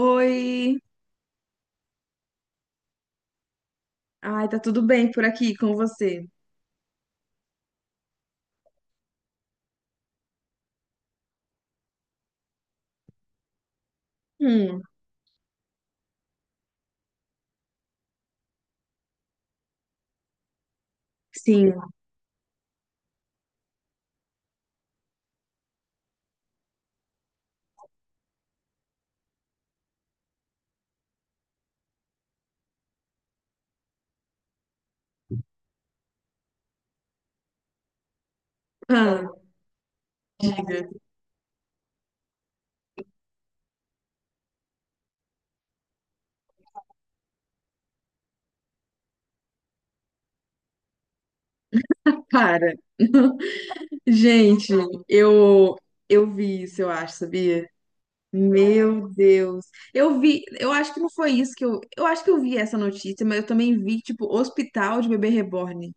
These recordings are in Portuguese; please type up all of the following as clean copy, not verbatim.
Oi! Ai, tá tudo bem por aqui com você? Hum, sim. Ah, diga. Para. Gente, eu eu vi isso, eu acho, sabia? Meu Deus. Eu vi, eu acho que não foi isso que eu acho que eu vi essa notícia, mas eu também vi, tipo, hospital de bebê reborn.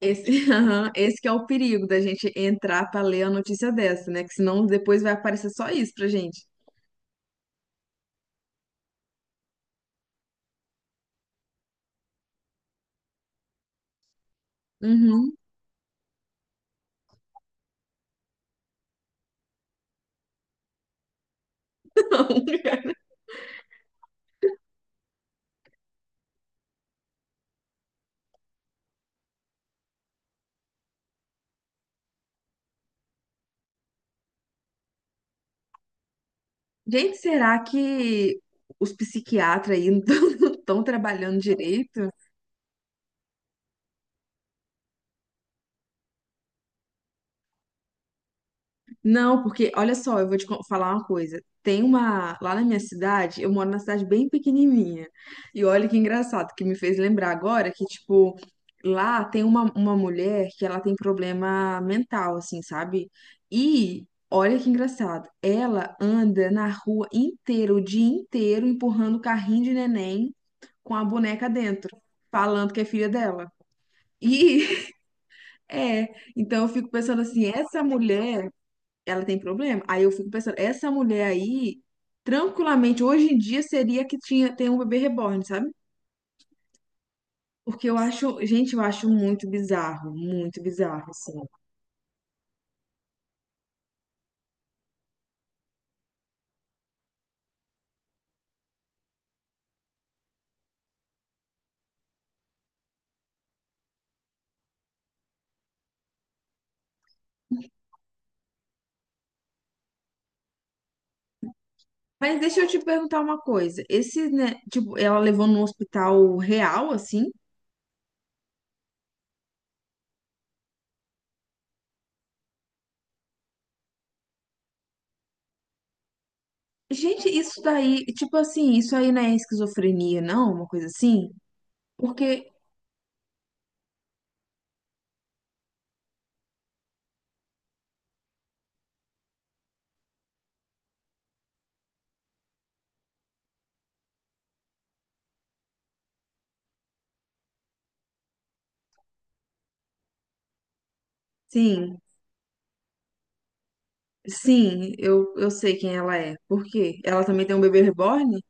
Esse, aham, esse que é o perigo da gente entrar pra ler a notícia dessa, né? Que senão depois vai aparecer só isso pra gente. Uhum. Gente, será que os psiquiatras aí não estão trabalhando direito? Não, porque olha só, eu vou te falar uma coisa. Tem uma. Lá na minha cidade, eu moro numa cidade bem pequenininha. E olha que engraçado, que me fez lembrar agora que, tipo, lá tem uma mulher que ela tem problema mental, assim, sabe? E olha que engraçado, ela anda na rua inteira, o dia inteiro, empurrando o carrinho de neném com a boneca dentro, falando que é filha dela. E é, então eu fico pensando assim, essa mulher, ela tem problema? Aí eu fico pensando, essa mulher aí, tranquilamente, hoje em dia seria que tinha, tem um bebê reborn, sabe? Porque eu acho, gente, eu acho muito bizarro, assim. Mas deixa eu te perguntar uma coisa. Esse, né, tipo, ela levou num hospital real, assim? Gente, isso daí, tipo assim, isso aí não é esquizofrenia, não? Uma coisa assim? Porque, sim. Sim, eu sei quem ela é. Por quê? Ela também tem um bebê reborn?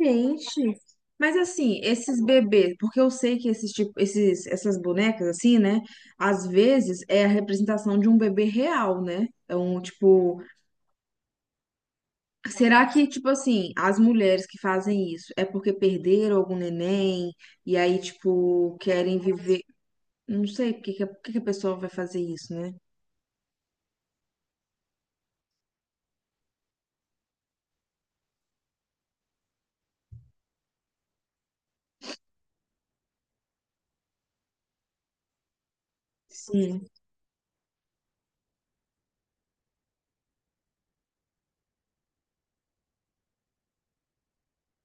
Gente, mas assim, esses bebês, porque eu sei que esses tipo, esses, essas bonecas assim, né? Às vezes é a representação de um bebê real, né? É um tipo, será que tipo assim, as mulheres que fazem isso é porque perderam algum neném e aí tipo querem viver, não sei por que que a por que que a pessoa vai fazer isso, né? Sim.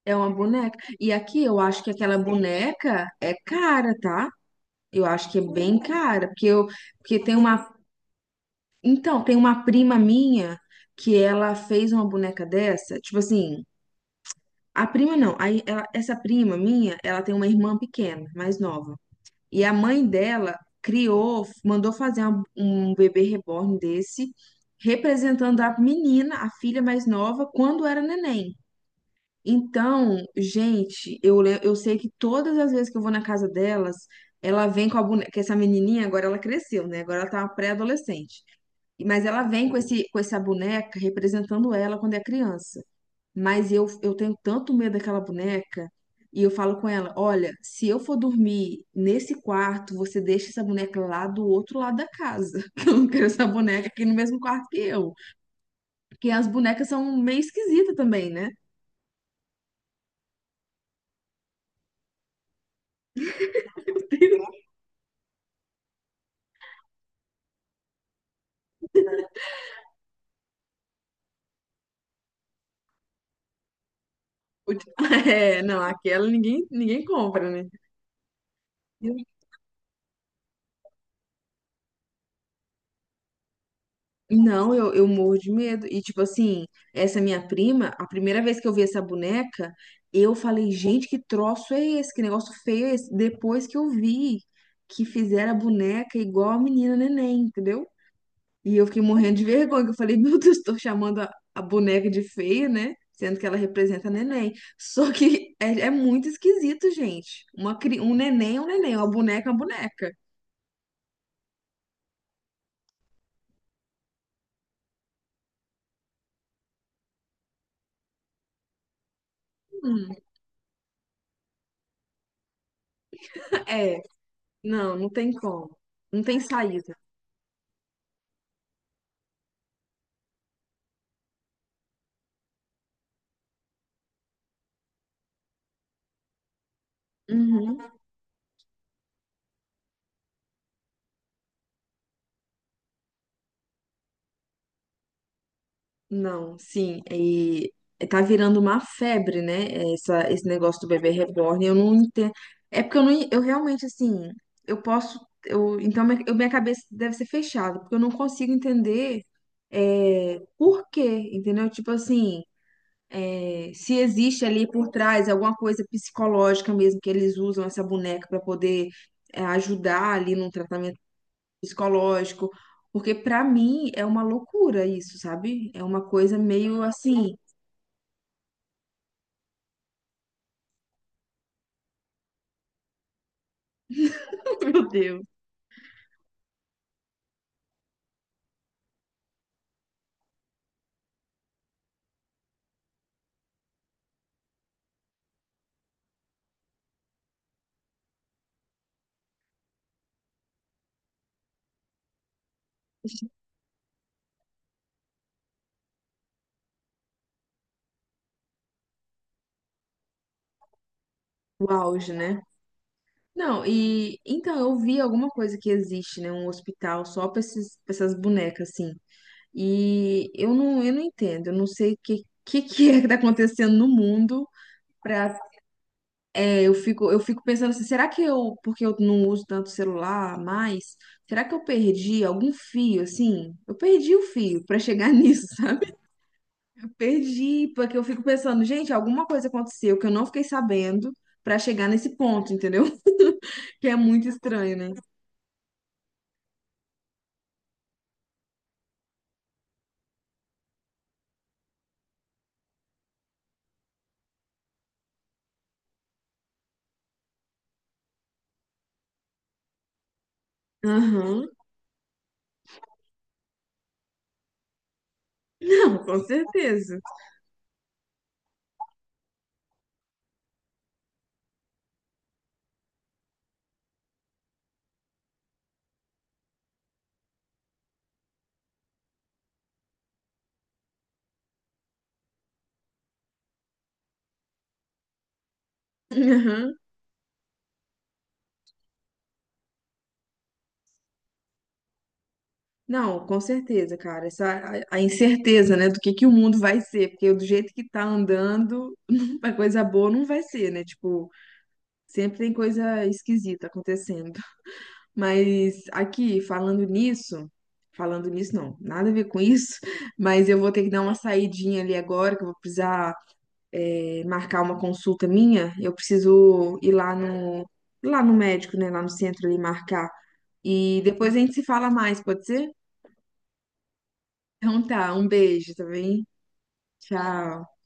É uma boneca. E aqui eu acho que aquela boneca é cara, tá? Eu acho que é bem cara, porque eu, porque tem uma, então, tem uma prima minha que ela fez uma boneca dessa, tipo assim, a prima não, aí essa prima minha, ela tem uma irmã pequena, mais nova. E a mãe dela criou, mandou fazer um bebê reborn desse, representando a menina, a filha mais nova, quando era neném. Então, gente, eu, eu sei que todas as vezes que eu vou na casa delas, ela vem com a boneca, que essa menininha agora ela cresceu, né? Agora ela tá uma pré-adolescente. Mas ela vem com esse, com essa boneca representando ela quando é criança. Mas eu tenho tanto medo daquela boneca. E eu falo com ela: olha, se eu for dormir nesse quarto, você deixa essa boneca lá do outro lado da casa. Que eu não quero essa boneca aqui no mesmo quarto que eu. Porque as bonecas são meio esquisitas também, né? O é, não, aquela ninguém, ninguém compra, né? Eu- Não, eu morro de medo. E, tipo assim, essa minha prima, a primeira vez que eu vi essa boneca, eu falei, gente, que troço é esse? Que negócio feio é esse? Depois que eu vi que fizeram a boneca igual a menina neném, entendeu? E eu fiquei morrendo de vergonha, que eu falei, meu Deus, estou chamando a boneca de feia, né? Sendo que ela representa neném. Só que é, é muito esquisito, gente. Uma, um neném é um neném, uma boneca é uma boneca. Hum. É, não, não tem como. Não tem saída. Uhum. Não, sim. E tá virando uma febre, né? Essa, esse negócio do bebê reborn. Eu não entendo. É porque eu não, eu realmente, assim, eu posso. Eu, então, minha, minha cabeça deve ser fechada, porque eu não consigo entender é, por quê, entendeu? Tipo assim, é, se existe ali por trás alguma coisa psicológica mesmo, que eles usam essa boneca para poder é, ajudar ali num tratamento psicológico, porque pra mim é uma loucura isso, sabe? É uma coisa meio assim, meu Deus. O auge, né? Não, e então eu vi alguma coisa que existe, né? Um hospital só pra esses, pra essas bonecas, assim. E eu não entendo, eu não sei o que, que é que tá acontecendo no mundo. Pra, é, eu fico pensando assim, será que eu, porque eu não uso tanto celular mais, será que eu perdi algum fio, assim? Eu perdi o fio pra chegar nisso, sabe? Perdi, porque eu fico pensando, gente, alguma coisa aconteceu que eu não fiquei sabendo pra chegar nesse ponto, entendeu? Que é muito estranho, né? Aham. Não, com certeza. Aham. Não, com certeza, cara. Essa, a incerteza, né, do que o mundo vai ser, porque do jeito que tá andando, a coisa boa não vai ser, né? Tipo, sempre tem coisa esquisita acontecendo. Mas aqui, falando nisso não, nada a ver com isso, mas eu vou ter que dar uma saidinha ali agora, que eu vou precisar marcar uma consulta minha. Eu preciso ir lá no médico, né, lá no centro ali marcar. E depois a gente se fala mais, pode ser? Então tá, um beijo, tá bem? Tchau.